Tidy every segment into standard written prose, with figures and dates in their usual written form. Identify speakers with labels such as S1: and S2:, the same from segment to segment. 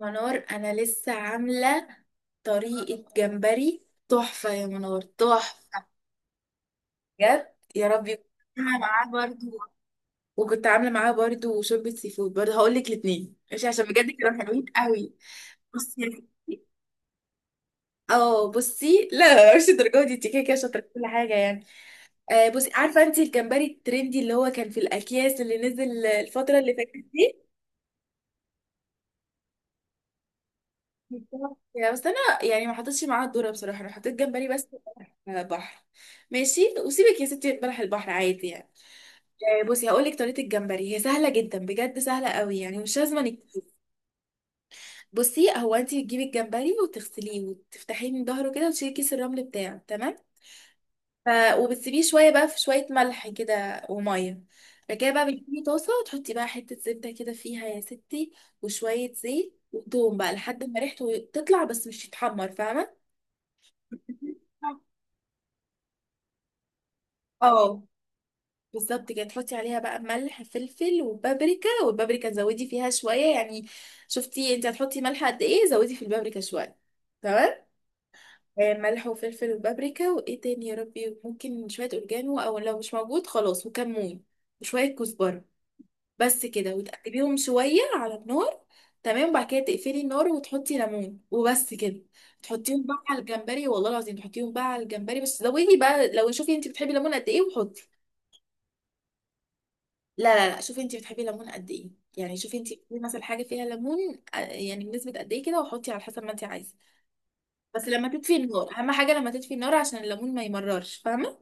S1: منار انا لسه عامله طريقه جمبري تحفه يا منار تحفه. بجد يا ربي كنت عامله معاه برضو. وكنت عامله معاه برضو شوربه سي فود برضو، هقول لك الاثنين ماشي عشان بجد كانوا حلوين قوي. بصي، اه بصي، لا مش الدرجه دي، انت كده كده شاطره في كل حاجه يعني. آه بصي، عارفه انت الجمبري الترندي اللي هو كان في الاكياس اللي نزل الفتره اللي فاتت دي. بالظبط. يعني بس انا يعني ما حطيتش معاها الذره، بصراحه انا حطيت جمبري بس. آه، بحر. ماشي وسيبك يا ستي، بلح البحر عادي يعني. آه، بصي هقول لك طريقه الجمبري، هي سهله جدا بجد، سهله قوي يعني، مش لازم انك... بصي، هو انت بتجيبي الجمبري وتغسليه وتفتحيه من ظهره كده وتشيلي كيس الرمل بتاعه، تمام. ف... وبتسيبيه شويه بقى في شويه ملح كده وميه. بعد كده بقى بتجيبي طاسه وتحطي بقى حته زبده كده فيها يا ستي، وشويه زيت وتوم بقى لحد ما ريحته تطلع بس مش يتحمر، فاهمه؟ اه، بالظبط كده. تحطي عليها بقى ملح فلفل وبابريكا، والبابريكا تزودي فيها شويه يعني. شفتي انت هتحطي ملح قد ايه، زودي في البابريكا شويه. تمام. آه، ملح وفلفل وبابريكا، وايه تاني يا ربي، ممكن شويه اوريجانو، او لو مش موجود خلاص، وكمون وشويه كزبره. بس كده. وتقلبيهم شويه على النار، تمام. وبعد كده تقفلي النار وتحطي ليمون وبس كده. تحطيهم بقى على الجمبري، والله العظيم. تحطيهم بقى على الجمبري، بس زودي بقى، لو شوفي انت بتحبي الليمون قد ايه وحطي. لا لا لا، شوفي انت بتحبي الليمون قد ايه، يعني شوفي انت بتحبي مثلا حاجه فيها ليمون، آه، يعني بنسبه قد ايه كده، وحطي على حسب ما انت عايزه. بس لما تطفي النار، اهم حاجه لما تطفي النار عشان الليمون ما يمررش، فاهمه؟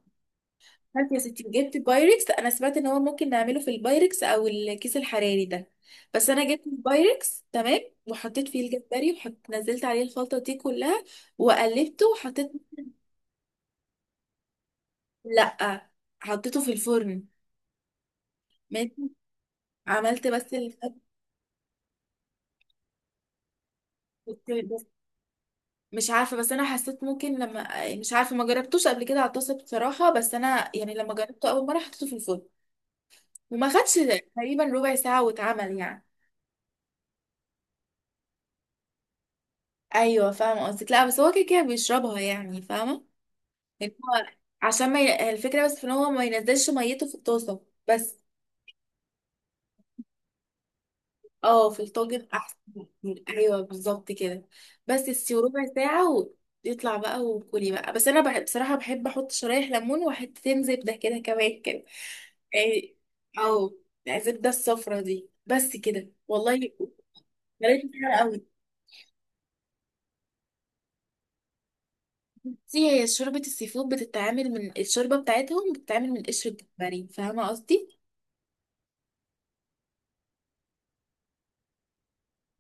S1: فانت يا ستي جبت بايركس، انا سمعت ان هو ممكن نعمله في البايركس او الكيس الحراري ده، بس انا جبت البايركس، تمام. وحطيت فيه الجمبري، وحط نزلت عليه الخلطه دي كلها وقلبته وحطيت. لا، حطيته في الفرن. ماشي. عملت بس. ال- مش عارفة، بس أنا حسيت ممكن لما مش عارفة، ما جربتوش قبل كده على الطاسة بصراحة، بس أنا يعني لما جربته أول مرة حطيته في الفرن، وما خدش تقريبا ربع ساعة واتعمل يعني. أيوة فاهمة قصدك، لا بس هو كده كده بيشربها يعني، فاهمة؟ يعني هو، عشان ما الفكرة بس في إن هو ما ينزلش ميته في الطاسة بس. اه، في الطاجن احسن. ايوه بالظبط كده. بس تسيبي ربع ساعه ويطلع بقى وكلي بقى، بس انا بحب بصراحه، بحب احط شرايح ليمون وحتتين زبده كده كمان كده، يعني. او الزبده الصفرا دي، بس كده والله، طريقتي سهله قوي. بصي، هي شوربه السي فود بتتعمل من الشوربه بتاعتهم، بتتعمل من قشر الجمبري، فاهمه قصدي؟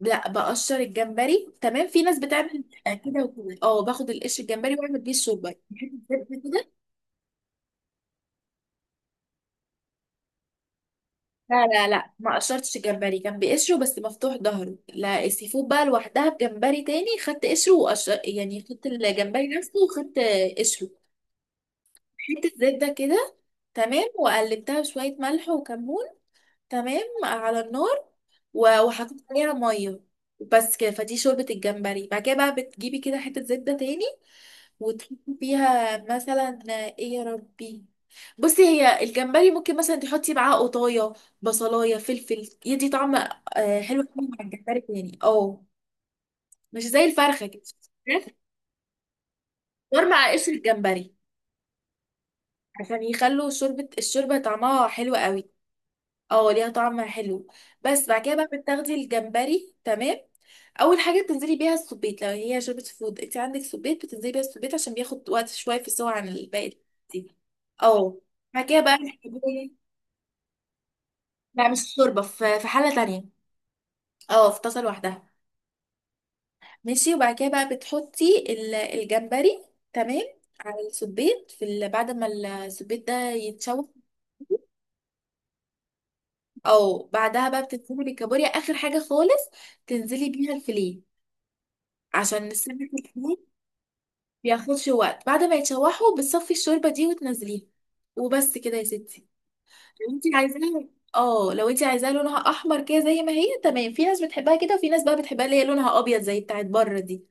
S1: لا، بقشر الجمبري، تمام. في ناس بتعمل كده وكده. اه، باخد القشر الجمبري واعمل بيه الشوربه. لا لا لا، ما قشرتش الجمبري، كان بقشره بس مفتوح ظهره. لا، السي فود بقى لوحدها بجمبري تاني، خدت قشره وقشر، يعني خدت الجمبري نفسه وخدت قشره. حتة زبدة كده، تمام، وقلبتها بشوية ملح وكمون، تمام، على النار. وحطيت عليها مية، بس كده. فدي شوربة الجمبري. بعد كده بقى بتجيبي كده حتة زبدة تاني وتحطيها مثلا، ايه يا ربي. بصي، هي الجمبري ممكن مثلا تحطي معاه قطايه بصلايه فلفل يدي طعم، آه، حلو قوي مع الجمبري يعني، اه. مش زي الفرخه كده، الفراخ، غير مع قشر الجمبري عشان يخلوا شوربه، الشوربه طعمها حلو قوي. اه ليها طعم حلو. بس بعد كده بقى بتاخدي الجمبري، تمام. اول حاجه بتنزلي بيها السبيت، لو هي شوربه فود انت عندك سبيت، بتنزلي بيها السبيت عشان بياخد وقت شويه في السوا عن الباقي دي. اه. بعد كده بقى لا، مش شوربه، في في حله تانية، اه، في طاسه لوحدها. ماشي، وبعد كده بقى بتحطي الجمبري، تمام، على السبيت في ال... بعد ما السبيت ده يتشوح. او بعدها بقى بتنزلي بالكابوريا، اخر حاجه خالص، تنزلي بيها الفيليه عشان نسيب الحمام. بياخدش وقت. بعد ما يتشوحوا بتصفي الشوربة دي وتنزليها، وبس كده يا ستي. لو انت عايزاها، اه لو انت عايزاها لونها احمر كده زي ما هي، تمام. في ناس بتحبها كده، وفي ناس بقى بتحبها اللي هي لونها ابيض زي بتاعت بره دي.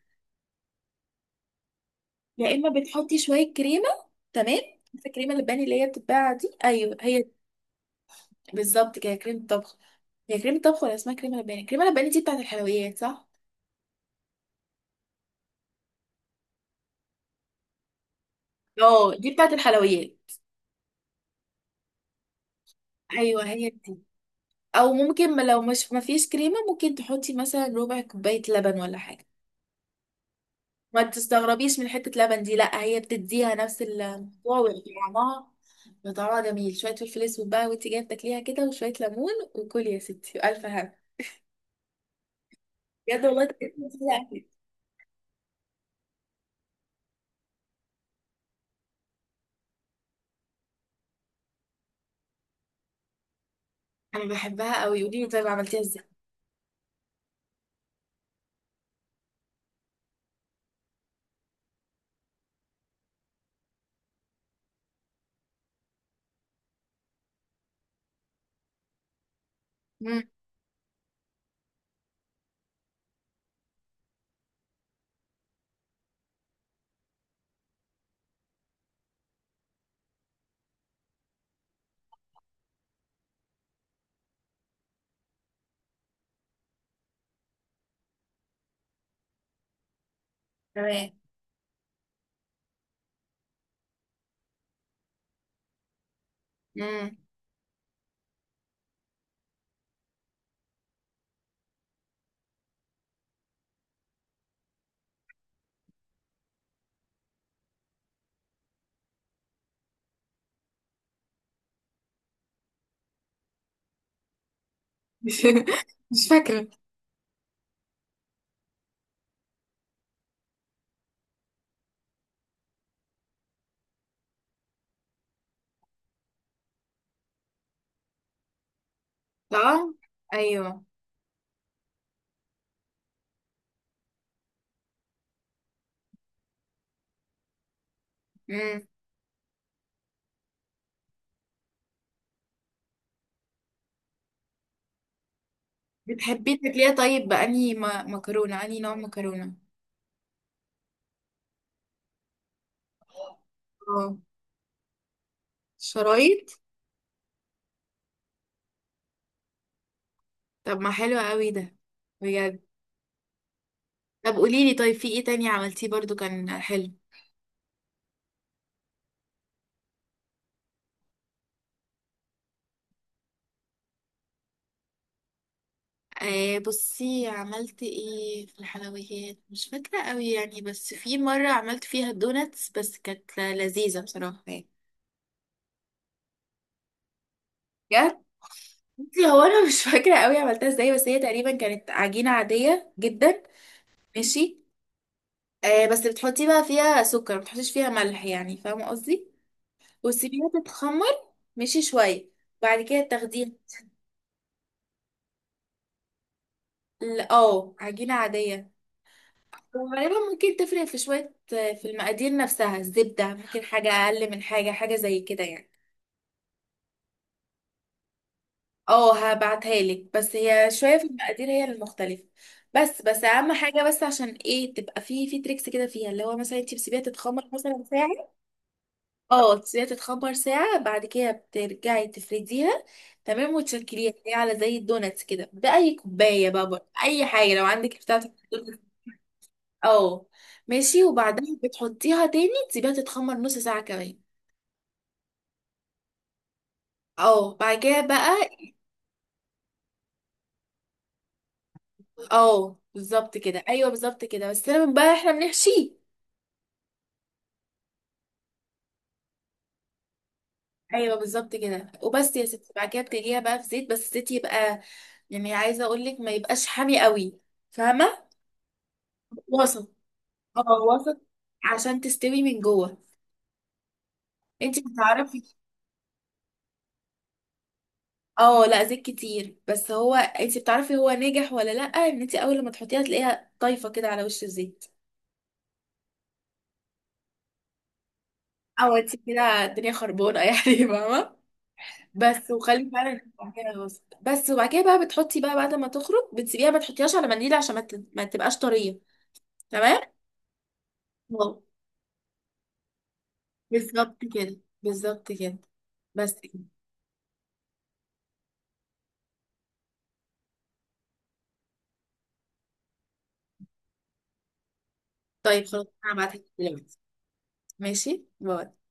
S1: يا اما بتحطي شوية كريمة، تمام. عارفة الكريمة اللباني اللي هي بتتباع دي؟ ايوه هي، بالظبط كده، كريمة طبخ. هي كريمة طبخ ولا اسمها كريمة لباني؟ الكريمة اللباني دي بتاعت الحلويات صح؟ اه دي بتاعت الحلويات. ايوه هي دي. او ممكن لو مش ما فيش كريمه، ممكن تحطي مثلا ربع كوبايه لبن ولا حاجه. ما تستغربيش من حته لبن دي، لا هي بتديها نفس الموضوع وطعمها، طعمها جميل. شويه فلفل اسود بقى وانت جايه بتاكليها كده، وشويه ليمون، وكلي يا ستي الف هنا. بجد والله تجربة جميلة أوي. انا بحبها قوي، قولي لي طيب عملتيها ازاي. امم. تمام. امم. مش فاكره. طبعا. ايوه. امم. بتحبي تاكليها طيب بأنهي مكرونه، انهي نوع مكرونه؟ اه، شرايط. طب ما حلو قوي ده، بجد. طب قوليلي، طيب في ايه تاني عملتيه برضو كان حلو؟ آه بصي، عملت ايه في الحلويات، مش فاكرة قوي يعني، بس في مرة عملت فيها الدوناتس بس كانت لذيذة بصراحة يعني. بجد. بصي، هو انا مش فاكرة قوي عملتها ازاي، بس هي تقريبا كانت عجينة عادية جدا. ماشي. آه بس بتحطي بقى فيها سكر، ما بتحطيش فيها ملح، يعني فاهمة قصدي، وتسيبيها تتخمر. ماشي شوية. بعد كده تاخديها. اه، عجينة عادية. وغالبا ممكن تفرق في شوية في المقادير نفسها، الزبدة ممكن حاجة أقل من حاجة، حاجة زي كده يعني. اه هبعتها لك، بس هي شوية في المقادير هي المختلفة. بس، بس أهم حاجة، بس عشان ايه تبقى في في تريكس كده فيها، اللي هو مثلا انت بتسيبيها تتخمر مثلا ساعة. اه، تسيبيها تتخمر ساعة، بعد كده بترجعي تفرديها، تمام، وتشكليها هي على زي الدوناتس كده بأي كوباية بقى برضه، أي حاجة لو عندك بتاعة الدوناتس. اه. ماشي، وبعدين بتحطيها تاني تسيبيها تتخمر نص ساعة كمان. اه بعد كده بقى، اه بالظبط كده، ايوه بالظبط كده، بس انا بقى احنا بنحشيه. ايوه بالظبط كده، وبس يا ستي. بعد كده بتقليها بقى في زيت، بس الزيت يبقى، يعني عايزه اقول لك ما يبقاش حامي قوي، فاهمه؟ وسط، اه، وسط، عشان تستوي من جوه. انت بتعرفي؟ اه لا، زيت كتير، بس هو انت بتعرفي هو ناجح ولا لا، ان انت اول لما تحطيها تلاقيها طايفه كده على وش الزيت. او انت كده الدنيا خربانه يعني، فاهمه؟ بس، وخلي فعلا بعد كده الوسط بس. وبعد كده بقى بتحطي بقى، بعد ما تخرج بتسيبيها ما تحطيهاش على منديل عشان ما تبقاش طريه. تمام. واو. بالظبط كده. بالظبط كده. بس كده. طيب خلاص انا هبعتلك دلوقتي. ماشي، باي.